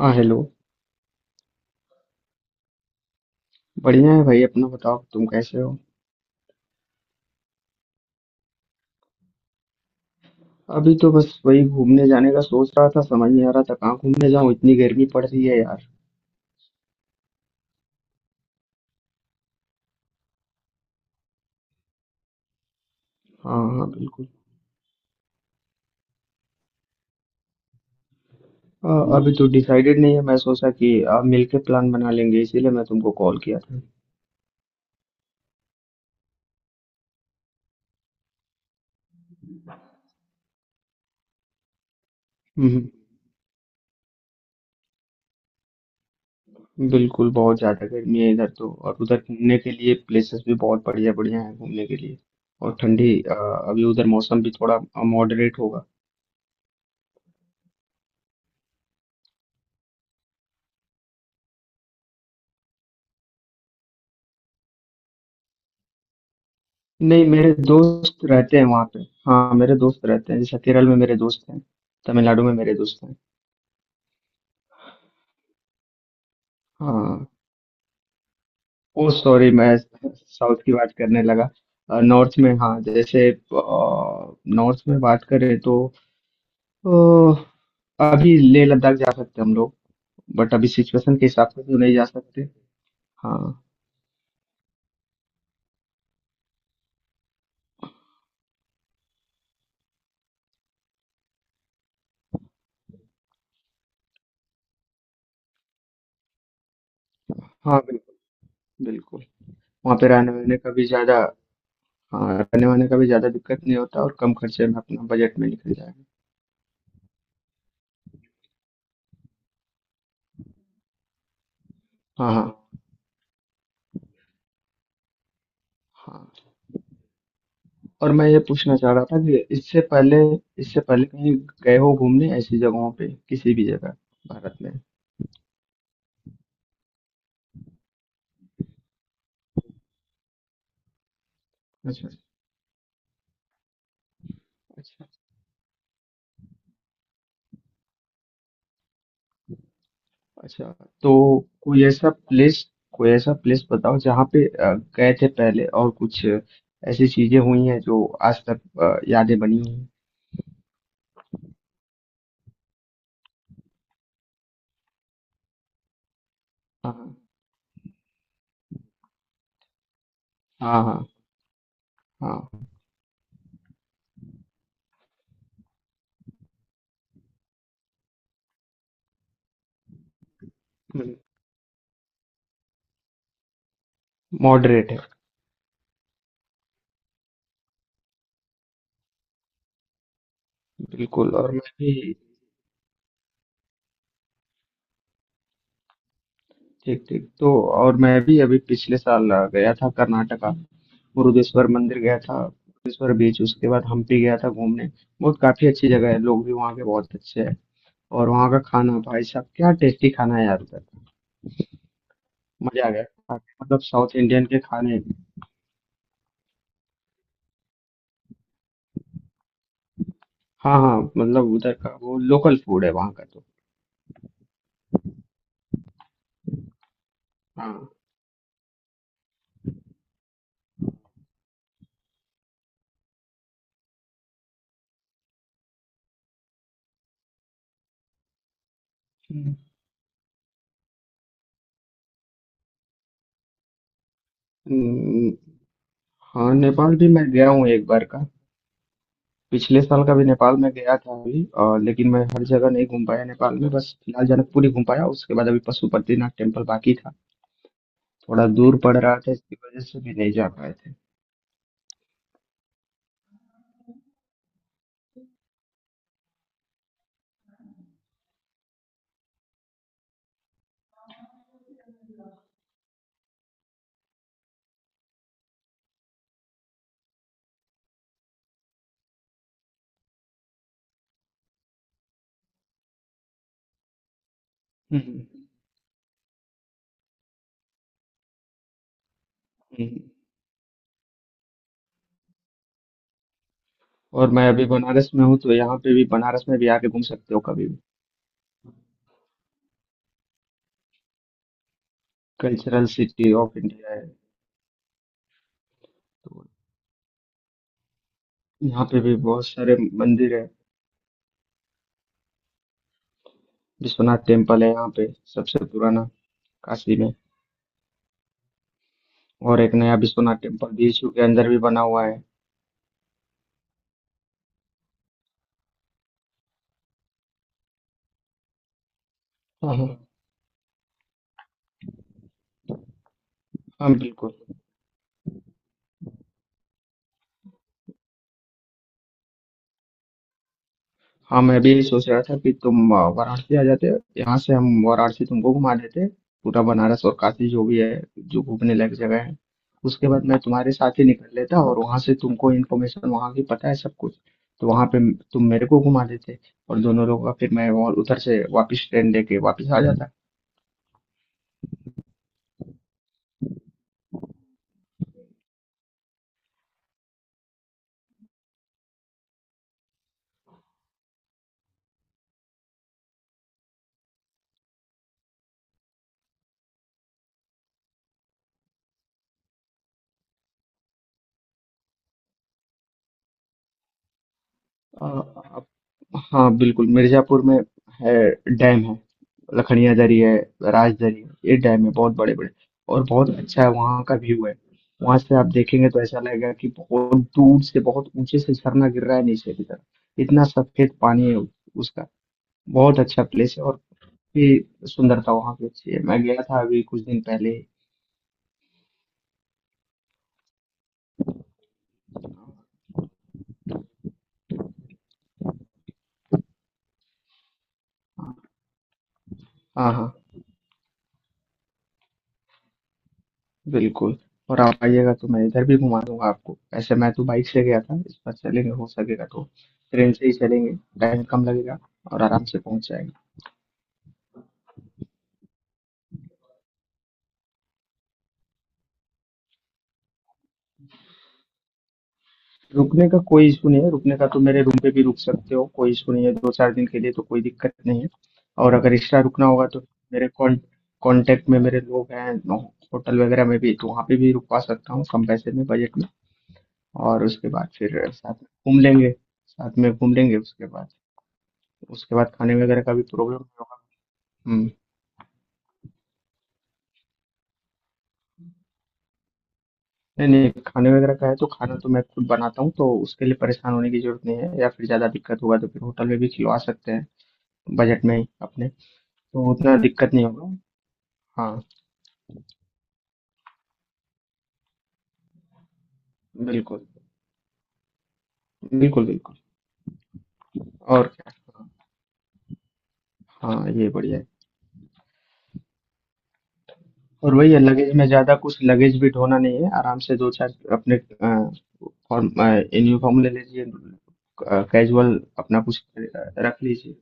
हाँ, हेलो। बढ़िया है भाई, अपना बताओ तुम कैसे हो। अभी तो बस वही घूमने जाने का सोच रहा था, समझ नहीं आ रहा था कहाँ घूमने जाऊँ, इतनी गर्मी पड़ रही है यार। हाँ हाँ बिल्कुल। अ, अभी तो डिसाइडेड नहीं है, मैं सोचा कि आप मिलके प्लान बना लेंगे इसीलिए मैं तुमको कॉल किया था। हम्म, बिल्कुल। बहुत ज़्यादा गर्मी है इधर तो, और उधर घूमने के लिए प्लेसेस भी बहुत बढ़िया बढ़िया हैं घूमने के लिए। और ठंडी अभी उधर मौसम भी थोड़ा मॉडरेट होगा। नहीं, मेरे दोस्त रहते हैं वहाँ पे। हाँ, मेरे दोस्त रहते हैं, जैसे केरल में मेरे दोस्त हैं, तमिलनाडु में मेरे दोस्त हैं। हाँ, ओ सॉरी, मैं साउथ की बात करने लगा। नॉर्थ में, हाँ, जैसे नॉर्थ में बात करें तो अ, अभी लेह लद्दाख जा सकते हैं हम लोग। बट अभी सिचुएशन के हिसाब से तो नहीं जा सकते। हाँ हाँ बिल्कुल। बिल्कुल। वहाँ पे रहने वहने का भी ज़्यादा, हाँ, रहने वहने का भी ज़्यादा दिक्कत नहीं होता और कम खर्चे में अपना बजट में निकल जाएगा। हाँ हाँ हाँ। और मैं ये पूछना चाह रहा था कि इससे पहले कहीं गए हो घूमने, ऐसी जगहों पे, किसी भी जगह भारत में। अच्छा, अच्छा। अच्छा, तो कोई ऐसा प्लेस, बताओ जहाँ पे गए थे पहले और कुछ ऐसी चीजें हुई हैं जो आज तक यादें बनी हुई हैं। हाँ हाँ। हाँ हाँ। मॉडरेट है। बिल्कुल, और मैं भी। ठीक ठीक, तो और मैं भी अभी पिछले साल गया था कर्नाटका। मुरुदेश्वर मंदिर गया था, मुरुदेश्वर बीच, उसके बाद हम्पी गया था घूमने। बहुत काफी अच्छी जगह है, लोग भी वहाँ के बहुत अच्छे हैं। और वहाँ का खाना, भाई साहब क्या टेस्टी खाना है यार उधर। मजा आ गया खा के। मतलब साउथ इंडियन के खाने। हाँ हाँ, मतलब उधर का वो लोकल फूड है वहाँ का तो। हाँ। हम्म। हम्म, हाँ, नेपाल भी मैं गया हूँ एक बार का। पिछले साल का भी नेपाल में गया था अभी, और लेकिन मैं हर जगह नहीं घूम पाया नेपाल में, बस फिलहाल जनकपुर ही घूम पाया। उसके बाद अभी पशुपतिनाथ टेम्पल बाकी था। थोड़ा दूर पड़ रहा था, इसकी वजह से भी नहीं जा पाए थे। हम्म, हम्म। हम्म। और मैं अभी बनारस में हूँ, तो यहाँ पे भी, बनारस में भी आके घूम सकते हो कभी भी। कल्चरल सिटी ऑफ इंडिया है। तो यहाँ पे भी बहुत सारे मंदिर है, विश्वनाथ टेम्पल है यहाँ पे, सबसे पुराना, काशी में। और एक नया विश्वनाथ टेम्पल बीच के अंदर भी बना हुआ है। हाँ हाँ। हाँ, बिल्कुल। हाँ मैं भी यही सोच रहा था कि तुम वाराणसी आ जाते। यहाँ से हम वाराणसी तुमको घुमा देते, पूरा बनारस और काशी, जो भी है, जो घूमने लायक जगह है। उसके बाद मैं तुम्हारे साथ ही निकल लेता, और वहाँ से तुमको इन्फॉर्मेशन वहाँ की पता है सब कुछ, तो वहाँ पे तुम मेरे को घुमा देते, और दोनों लोग का फिर। मैं और उधर से वापस ट्रेन लेके वापस आ जाता। हाँ बिल्कुल, मिर्जापुर में है। डैम है, लखनिया दरी है, राजदरी है, ये डैम है, बहुत बड़े बड़े। और बहुत अच्छा है वहाँ का व्यू है। वहां से आप देखेंगे तो ऐसा लगेगा कि बहुत दूर से बहुत ऊंचे से झरना गिर रहा है नीचे की तरफ। इतना सफेद पानी है उसका। बहुत अच्छा प्लेस है, और भी सुंदरता वहाँ की अच्छी है, मैं गया था अभी कुछ दिन पहले ही। हाँ हाँ हाँ। बिल्कुल, और आप आइएगा तो मैं इधर भी घुमा दूँगा आपको। वैसे मैं तो बाइक से गया था, इस बार चलेंगे हो सकेगा तो ट्रेन से ही चलेंगे, टाइम कम लगेगा और आराम से पहुँच जाएँगे। रुकने का कोई इश्यू नहीं है, रुकने का तो मेरे रूम पे भी रुक सकते हो, कोई इश्यू नहीं है, 2-4 दिन के लिए तो कोई दिक्कत नहीं है। और अगर एक्स्ट्रा रुकना होगा तो मेरे कॉन्टैक्ट में मेरे लोग हैं, नो होटल वगैरह में भी, तो वहाँ पे भी रुकवा सकता हूँ कम पैसे में, बजट में। और उसके बाद फिर घूम लेंगे साथ में घूम लेंगे। उसके बाद खाने वगैरह का भी प्रॉब्लम नहीं होगा। हुँ। नहीं नहीं, खाने वगैरह का है तो खाना तो मैं खुद बनाता हूँ, तो उसके लिए परेशान होने की जरूरत नहीं है, या फिर ज़्यादा दिक्कत होगा तो फिर होटल में भी खिलवा सकते हैं बजट में ही अपने। तो उतना दिक्कत नहीं होगा। हाँ बिल्कुल। बिल्कुल बिल्कुल। और क्या। हाँ ये बढ़िया है। और वही है, लगेज में ज़्यादा कुछ लगेज भी ढोना नहीं है, आराम से दो चार अपने फॉर्म यूनिफॉर्म ले लीजिए, कैजुअल अपना कुछ रख लीजिए।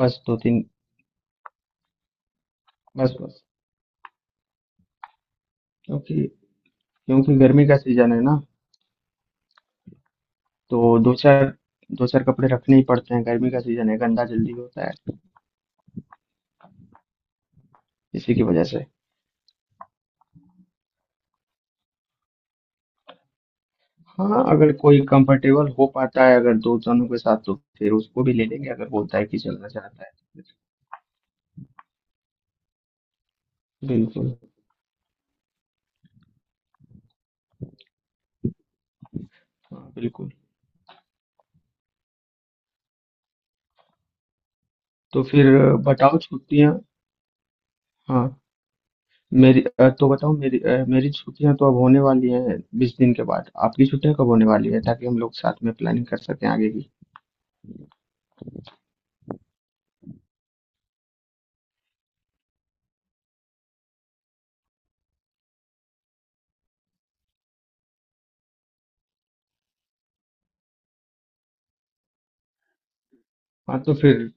बस दो तीन, बस बस, क्योंकि क्योंकि गर्मी का सीजन है ना, तो दो चार कपड़े रखने ही पड़ते हैं, गर्मी का सीजन है, गंदा जल्दी होता है इसी की वजह से। हाँ, अगर कोई कंफर्टेबल हो पाता है अगर दो जनों के साथ, तो फिर उसको भी ले लेंगे, अगर बोलता है कि चलना चाहता है तो फिर। बिल्कुल। हाँ बिल्कुल। तो फिर बताओ छुट्टियां। हाँ तो बताओ मेरी छुट्टियां तो अब होने वाली हैं 20 दिन के बाद, आपकी छुट्टियां कब होने वाली है ताकि हम लोग साथ में प्लानिंग कर सकें आगे की। हाँ तो फिर,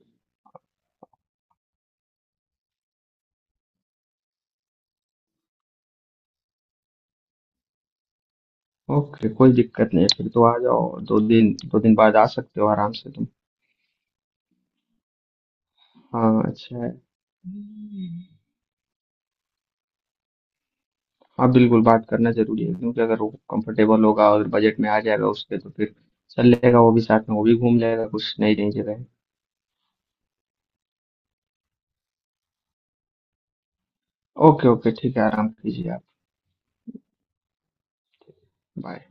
ओके, कोई दिक्कत नहीं है, फिर तो आ जाओ, दो दिन बाद आ सकते हो आराम से। हाँ अच्छा है। हम्म। हाँ बिल्कुल, बात करना जरूरी है क्योंकि अगर वो कंफर्टेबल होगा और बजट में आ जाएगा उसके तो फिर चल लेगा वो भी साथ में, वो भी घूम लेगा कुछ नई नई जगह। ओके, ओके, ठीक है, आराम कीजिए आप। बाय।